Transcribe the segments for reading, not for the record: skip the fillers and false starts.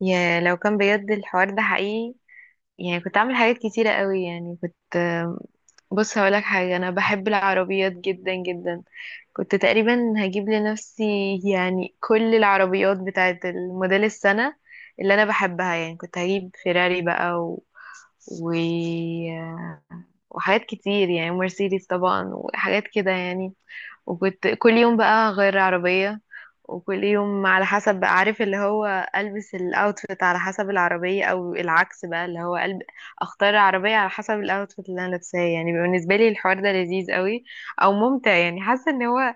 يا لو كان بجد الحوار ده حقيقي، يعني كنت اعمل حاجات كتيرة قوي. يعني بص هقولك حاجة، انا بحب العربيات جدا جدا. كنت تقريبا هجيب لنفسي يعني كل العربيات بتاعة الموديل السنة اللي انا بحبها. يعني كنت هجيب فيراري بقى و... وحاجات كتير، يعني مرسيدس طبعا وحاجات كده يعني. وكنت كل يوم بقى غير عربية، وكل يوم على حسب بقى عارف اللي هو ألبس الأوتفيت على حسب العربية، أو العكس بقى اللي هو قلب أختار العربية على حسب الأوتفيت اللي أنا لابساه. يعني بالنسبة لي الحوار ده لذيذ قوي أو ممتع، يعني حاسة إن هو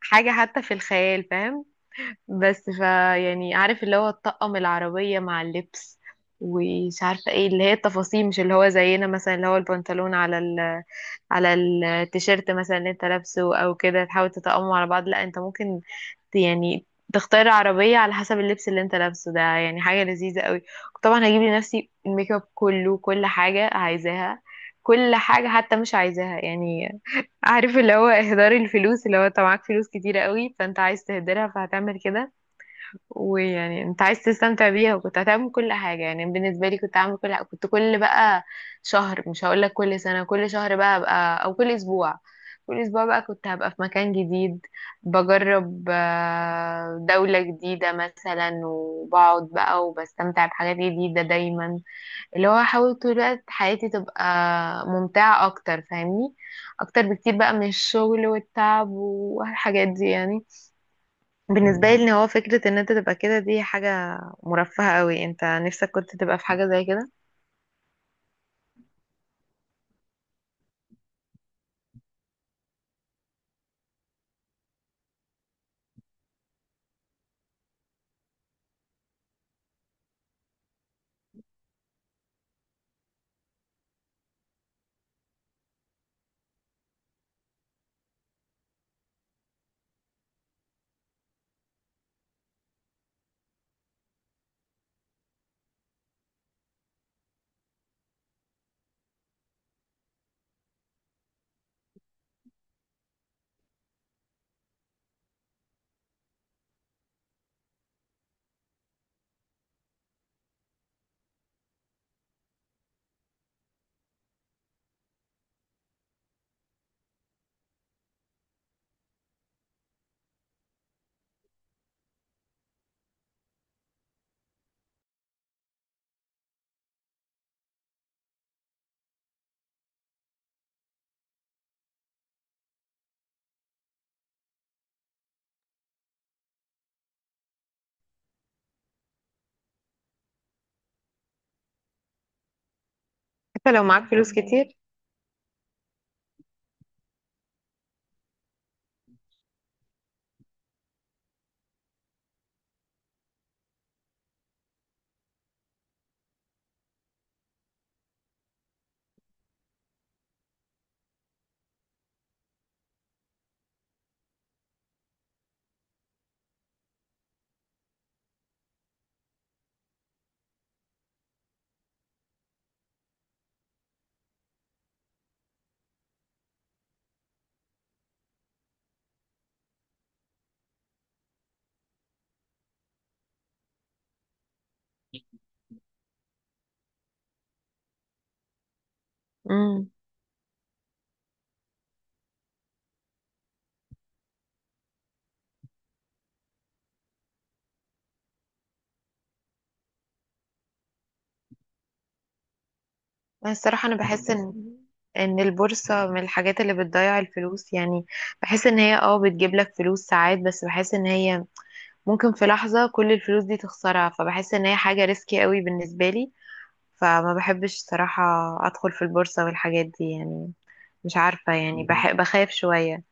حاجة حتى في الخيال، فاهم؟ بس فا يعني عارف اللي هو تطقم العربية مع اللبس، ومش عارفة ايه اللي هي التفاصيل، مش اللي هو زينا مثلا اللي هو البنطلون على ال، على التيشيرت مثلا اللي انت لابسه او كده تحاول تتقموا على بعض. لا انت ممكن يعني تختار عربية على حسب اللبس اللي انت لابسه، ده يعني حاجة لذيذة قوي. طبعا هجيب لنفسي الميك اب كله، كل حاجة عايزاها، كل حاجة حتى مش عايزاها. يعني عارف اللي هو اهدار الفلوس، اللي هو انت معاك فلوس كتيرة قوي فانت عايز تهدرها فهتعمل كده. ويعني انت عايز تستمتع بيها، وكنت هتعمل كل حاجة. يعني بالنسبة لي كنت هعمل كل حاجة، كنت كل بقى شهر، مش هقول لك كل سنة، كل شهر بقى هبقى، او كل اسبوع، كل اسبوع بقى كنت هبقى في مكان جديد، بجرب دولة جديدة مثلا، وبقعد بقى وبستمتع بحاجات جديدة دايما. اللي هو احاول طول الوقت حياتي تبقى ممتعة اكتر، فاهمني؟ اكتر بكتير بقى من الشغل والتعب والحاجات دي. يعني بالنسبة لي ان هو فكرة ان انت تبقى كده، دي حاجة مرفهة قوي، انت نفسك كنت تبقى في حاجة زي كده. حتى لو معاك فلوس كتير. امم الصراحة انا بحس ان البورصة من الحاجات اللي بتضيع الفلوس. يعني بحس ان هي اه بتجيب لك فلوس ساعات، بس بحس ان هي ممكن في لحظة كل الفلوس دي تخسرها، فبحس ان هي حاجة ريسكي قوي بالنسبة لي. فما بحبش صراحة ادخل في البورصة والحاجات دي يعني. مش عارفة، يعني بحب بخاف شوية.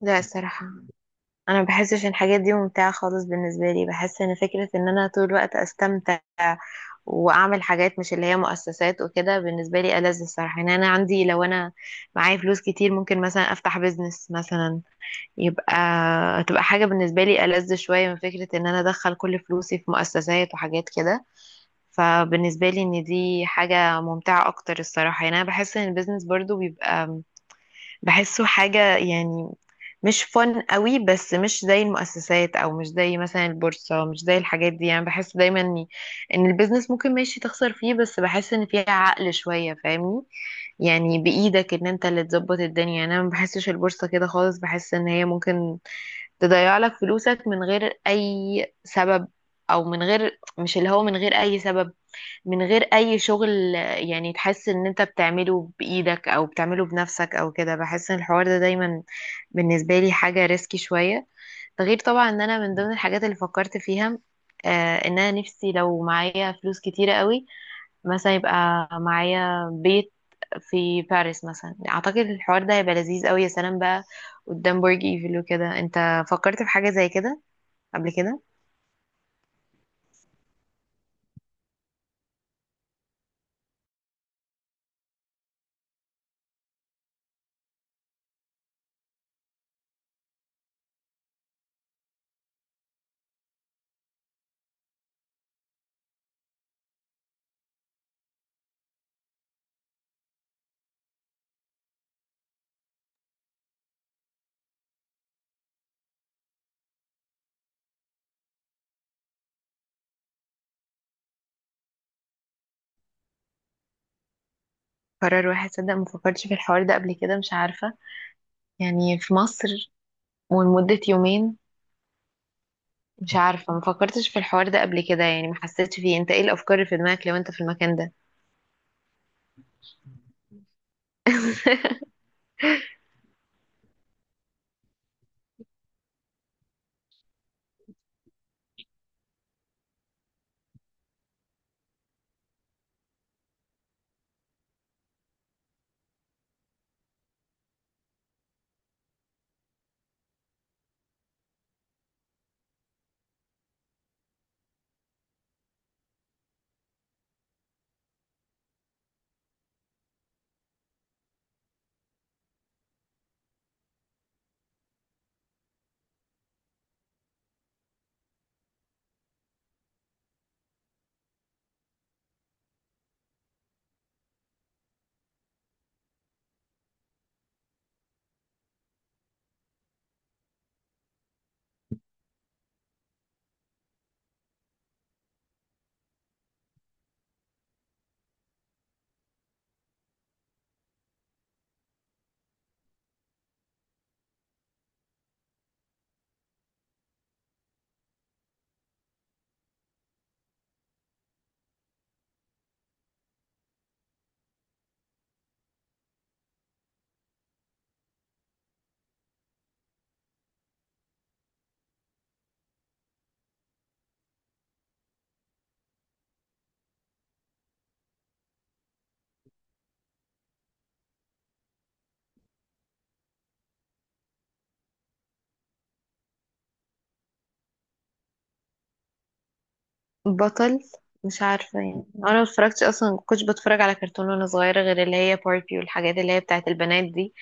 لا الصراحة، انا ما بحسش ان الحاجات دي ممتعه خالص بالنسبه لي. بحس ان فكره ان انا طول الوقت استمتع واعمل حاجات مش اللي هي مؤسسات وكده، بالنسبه لي ألذ الصراحه. يعني انا عندي لو انا معايا فلوس كتير ممكن مثلا افتح بيزنس مثلا، يبقى تبقى حاجه بالنسبه لي ألذ شويه من فكره ان انا ادخل كل فلوسي في مؤسسات وحاجات كده. فبالنسبه لي ان دي حاجه ممتعه اكتر الصراحه. يعني انا بحس ان البيزنس برضو بيبقى، بحسه حاجة يعني مش فن قوي، بس مش زي المؤسسات او مش زي مثلا البورصة، مش زي الحاجات دي. يعني بحس دايما ان إن البيزنس ممكن ماشي تخسر فيه، بس بحس ان فيها عقل شوية، فاهمني؟ يعني بايدك ان انت اللي تظبط الدنيا. يعني انا ما بحسش البورصة كده خالص، بحس ان هي ممكن تضيع لك فلوسك من غير اي سبب، او من غير، مش اللي هو، من غير اي سبب، من غير اي شغل. يعني تحس ان انت بتعمله بايدك او بتعمله بنفسك او كده. بحس ان الحوار ده دايما بالنسبة لي حاجة ريسكي شوية. ده غير طبعا ان انا من ضمن الحاجات اللي فكرت فيها، ان انا نفسي لو معايا فلوس كتيرة قوي، مثلا يبقى معايا بيت في باريس مثلا. اعتقد الحوار ده هيبقى لذيذ قوي. يا سلام بقى، قدام برج ايفل وكده. انت فكرت في حاجة زي كده قبل كده؟ قرار واحد، صدق ما فكرتش في الحوار ده قبل كده، مش عارفة. يعني في مصر ولمدة يومين. مش عارفة، ما فكرتش في الحوار ده قبل كده، يعني ما حسيتش فيه. انت ايه الافكار اللي في دماغك لو انت في المكان ده؟ بطل، مش عارفة. يعني انا ما اتفرجتش اصلا، ما كنتش بتفرج على كرتون وانا صغيرة، غير اللي هي باربي والحاجات اللي هي بتاعت البنات دي.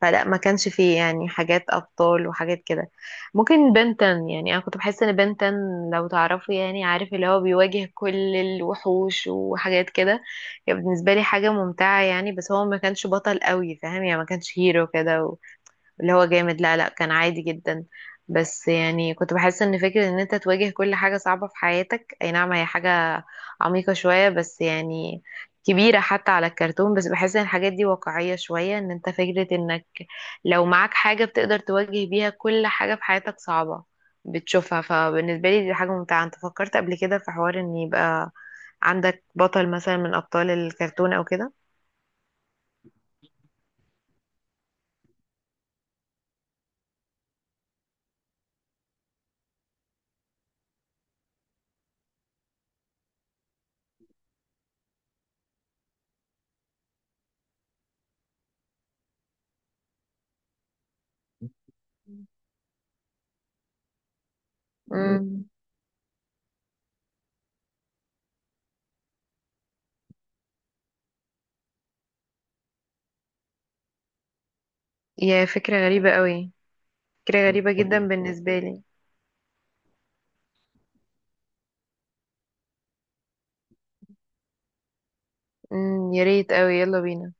فلا، ما كانش فيه يعني حاجات ابطال وحاجات كده. ممكن بنتن، يعني انا كنت بحس ان بنتن، لو تعرفوا يعني، عارف اللي هو بيواجه كل الوحوش وحاجات كده. يعني بالنسبة لي حاجة ممتعة. يعني بس هو ما كانش بطل قوي، فاهم؟ يعني ما كانش هيرو كده اللي هو جامد. لا لا، كان عادي جدا. بس يعني كنت بحس ان فكرة ان انت تواجه كل حاجة صعبة في حياتك، اي نعم هي حاجة عميقة شوية، بس يعني كبيرة حتى على الكرتون. بس بحس ان الحاجات دي واقعية شوية، ان انت فكرة انك لو معاك حاجة بتقدر تواجه بيها كل حاجة في حياتك صعبة بتشوفها، فبالنسبة لي دي حاجة ممتعة. انت فكرت قبل كده في حوار ان يبقى عندك بطل مثلا من ابطال الكرتون او كده؟ امم يا فكرة غريبة قوي. فكرة غريبة جدا بالنسبة لي. يا ريت قوي، يلا بينا.